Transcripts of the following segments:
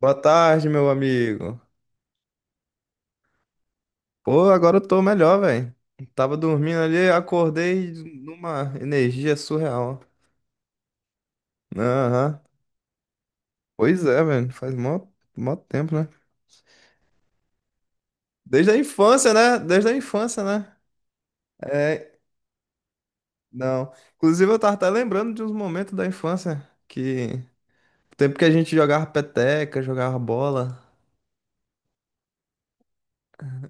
Boa tarde, meu amigo. Pô, agora eu tô melhor, velho. Tava dormindo ali, acordei numa energia surreal. Aham. Pois é, velho. Faz mó tempo, né? Desde a infância, né? Desde a infância, né? É, não. Inclusive, eu tava até lembrando de uns momentos da infância que. Tempo que a gente jogava peteca, jogava bola.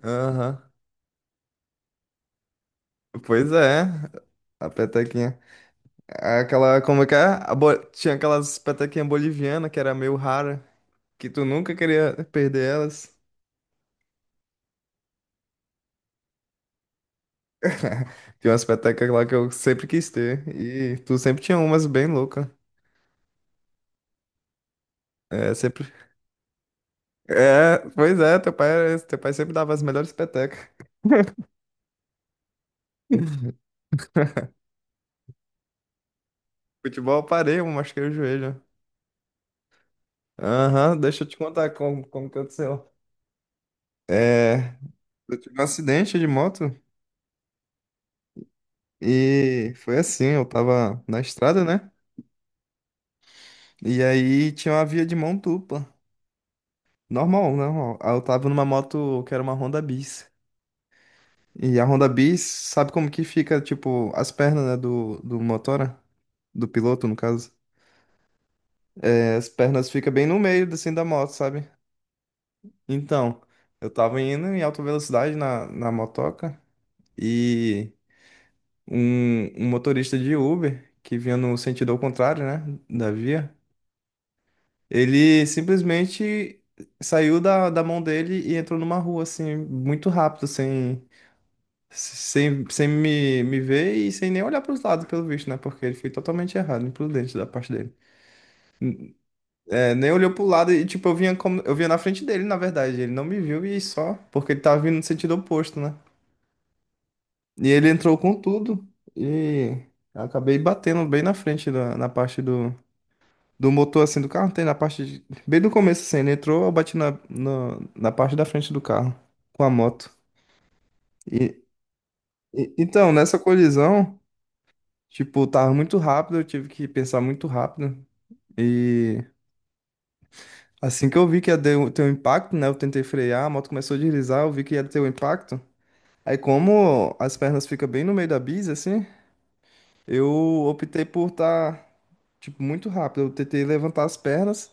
Aham. Pois é. A petequinha. Aquela, como é que é? Tinha aquelas petequinhas bolivianas que era meio rara, que tu nunca queria perder elas. Tinha umas petecas lá que eu sempre quis ter. E tu sempre tinha umas bem loucas. É, sempre. É, pois é, teu pai sempre dava as melhores petecas. Futebol eu parei, eu machuquei o joelho. Aham, deixa eu te contar como que aconteceu. É, eu tive um acidente de moto e foi assim, eu tava na estrada, né? E aí tinha uma via de mão dupla. Normal, normal. Ah, eu tava numa moto que era uma Honda Bis. E a Honda Bis, sabe como que fica, tipo, as pernas, né, do motora? Do piloto, no caso. É, as pernas ficam bem no meio, assim, da moto, sabe? Então, eu tava indo em alta velocidade na, na motoca e um motorista de Uber, que vinha no sentido ao contrário, né, da via, ele simplesmente saiu da mão dele e entrou numa rua, assim, muito rápido, assim. Sem me ver e sem nem olhar pros lados, pelo visto, né? Porque ele foi totalmente errado, imprudente da parte dele. É, nem olhou pro lado e, tipo, eu vinha na frente dele, na verdade. Ele não me viu e só, porque ele tava vindo no sentido oposto, né? E ele entrou com tudo e eu acabei batendo bem na frente, na parte do, motor, assim, do carro. Tem na parte, bem do começo, assim. Ele entrou, eu bati na, no- na parte da frente do carro, com a moto. E, então, nessa colisão. Tipo, tava muito rápido, eu tive que pensar muito rápido. E assim que eu vi que ia ter um impacto, né? Eu tentei frear, a moto começou a deslizar, eu vi que ia ter um impacto. Aí como as pernas ficam bem no meio da bisa, assim, eu optei por estar, tipo, muito rápido. Eu tentei levantar as pernas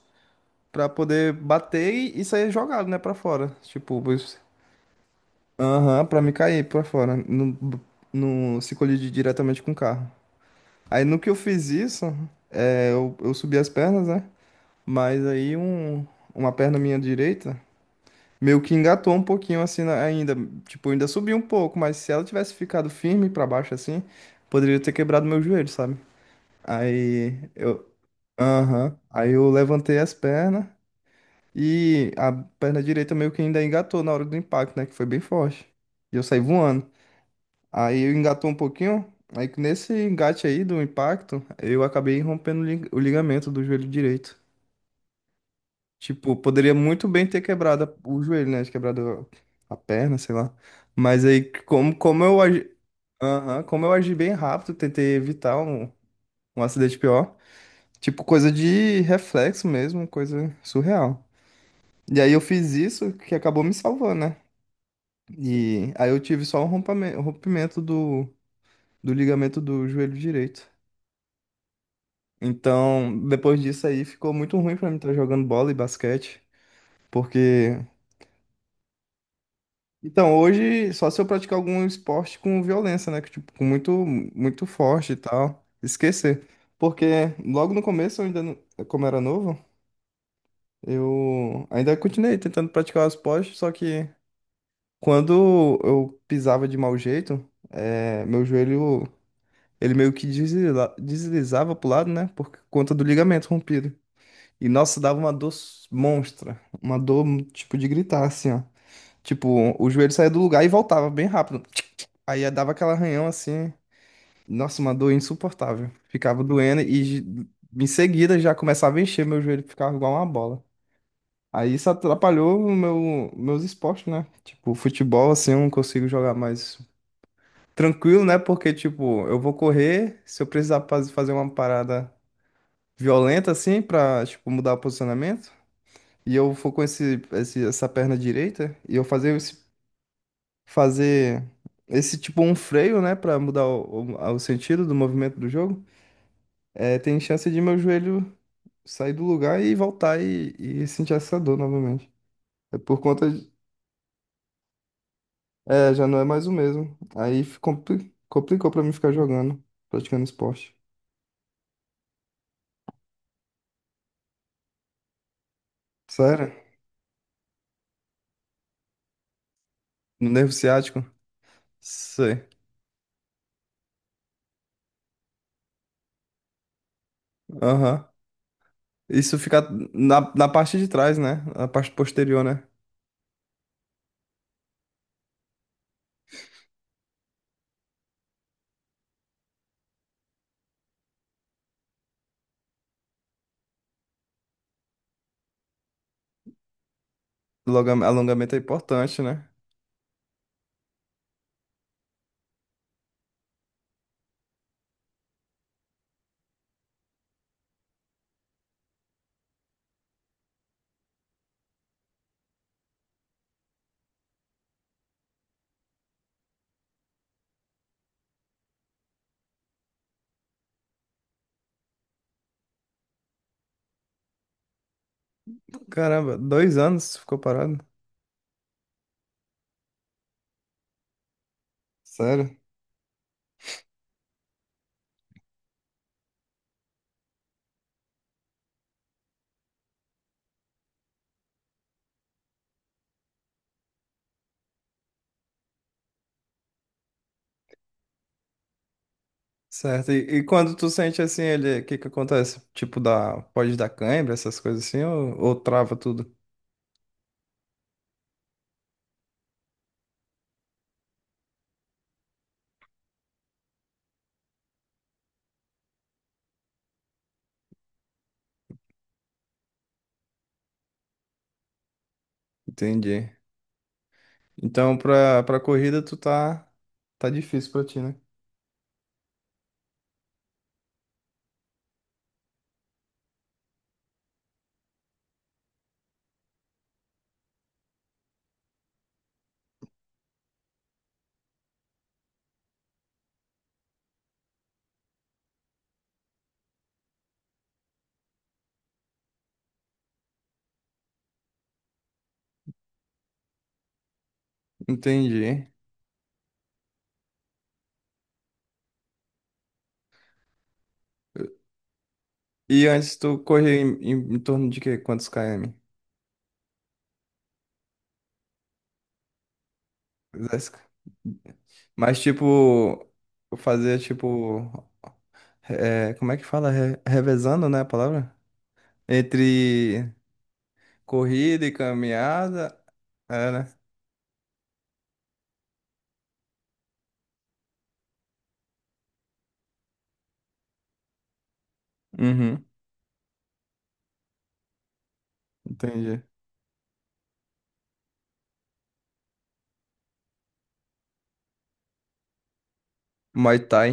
pra poder bater e sair jogado, né, pra fora. Tipo, aham, pra me cair pra fora, não se colidir diretamente com o carro. Aí no que eu fiz isso, eu subi as pernas, né? Mas aí uma perna minha direita meio que engatou um pouquinho assim ainda, tipo, ainda subiu um pouco, mas se ela tivesse ficado firme pra baixo assim, poderia ter quebrado meu joelho, sabe? Aí eu, aham, aí eu levantei as pernas e a perna direita meio que ainda engatou na hora do impacto, né, que foi bem forte. E eu saí voando. Aí eu engatou um pouquinho, aí nesse engate aí do impacto, eu acabei rompendo o ligamento do joelho direito. Tipo, poderia muito bem ter quebrado o joelho, né? Quebrado a perna, sei lá. Mas aí, como aham, como eu agi bem rápido, tentei evitar um, acidente pior. Tipo, coisa de reflexo mesmo, coisa surreal. E aí eu fiz isso que acabou me salvando, né? E aí eu tive só um rompimento do ligamento do joelho direito. Então, depois disso aí, ficou muito ruim pra mim estar jogando bola e basquete. Porque Então, hoje, só se eu praticar algum esporte com violência, né? Que, tipo, com muito, muito forte e tal. Esquecer. Porque logo no começo, eu ainda não- como era novo, eu ainda continuei tentando praticar os esportes, só que quando eu pisava de mau jeito, meu joelho, ele meio que deslizava pro lado, né? Por conta do ligamento rompido. E, nossa, dava uma dor monstra. Uma dor, tipo, de gritar, assim, ó. Tipo, o joelho saía do lugar e voltava bem rápido. Aí dava aquela arranhão assim. Nossa, uma dor insuportável. Ficava doendo e em seguida já começava a encher meu joelho, ficava igual uma bola. Aí isso atrapalhou meus esportes, né? Tipo, futebol, assim, eu não consigo jogar mais tranquilo, né? Porque, tipo, eu vou correr, se eu precisar fazer uma parada violenta, assim, pra, tipo, mudar o posicionamento, e eu for com essa perna direita, e eu fazer esse tipo um freio, né, pra mudar o sentido do movimento do jogo, é, tem chance de meu joelho sair do lugar e voltar e sentir essa dor novamente. É por conta de, é, já não é mais o mesmo. Aí complicou pra mim ficar jogando, praticando esporte. Sério? No nervo ciático? Sei. Aham. Isso fica na parte de trás, né? Na parte posterior, né? Alongamento é importante, né? Caramba, 2 anos ficou parado. Sério? Certo. E quando tu sente assim, ele, o que que acontece? Tipo, pode dar cãibra, essas coisas assim, ou trava tudo? Entendi. Então, pra corrida, tu tá difícil pra ti, né? Entendi. E antes tu corria em torno de quê? Quantos km? 10 km. Mas, tipo, fazer, tipo, é, como é que fala? Revezando, né, a palavra? Entre corrida e caminhada, é, né? Uhum, entendi. Muay Thai.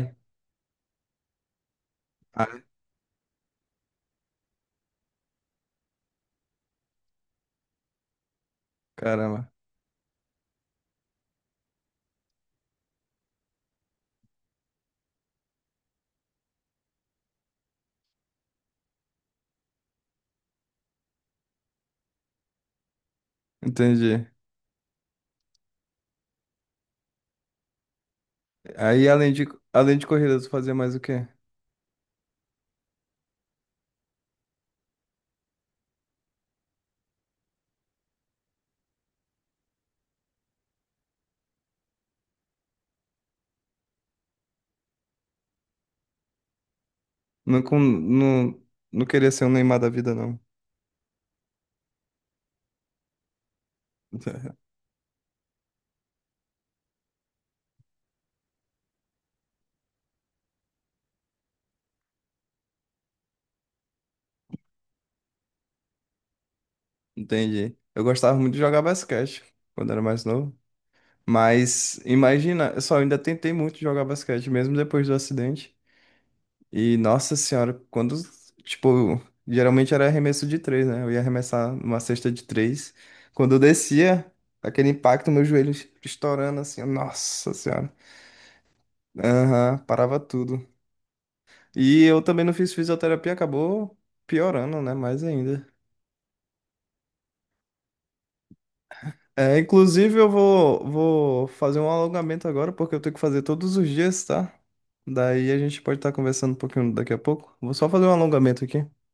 Caramba, entendi. Aí, além de corrida, tu fazia mais o quê? Não, não queria ser um Neymar da vida, não. Entendi. Eu gostava muito de jogar basquete quando era mais novo. Mas imagina, eu só ainda tentei muito jogar basquete, mesmo depois do acidente. E nossa senhora, quando, tipo, geralmente era arremesso de três, né? Eu ia arremessar uma cesta de três. Quando eu descia, aquele impacto, meu joelho estourando assim, nossa senhora. Aham, parava tudo. E eu também não fiz fisioterapia, acabou piorando, né? Mais ainda. É, inclusive, eu vou fazer um alongamento agora, porque eu tenho que fazer todos os dias, tá? Daí a gente pode estar conversando um pouquinho daqui a pouco. Vou só fazer um alongamento aqui.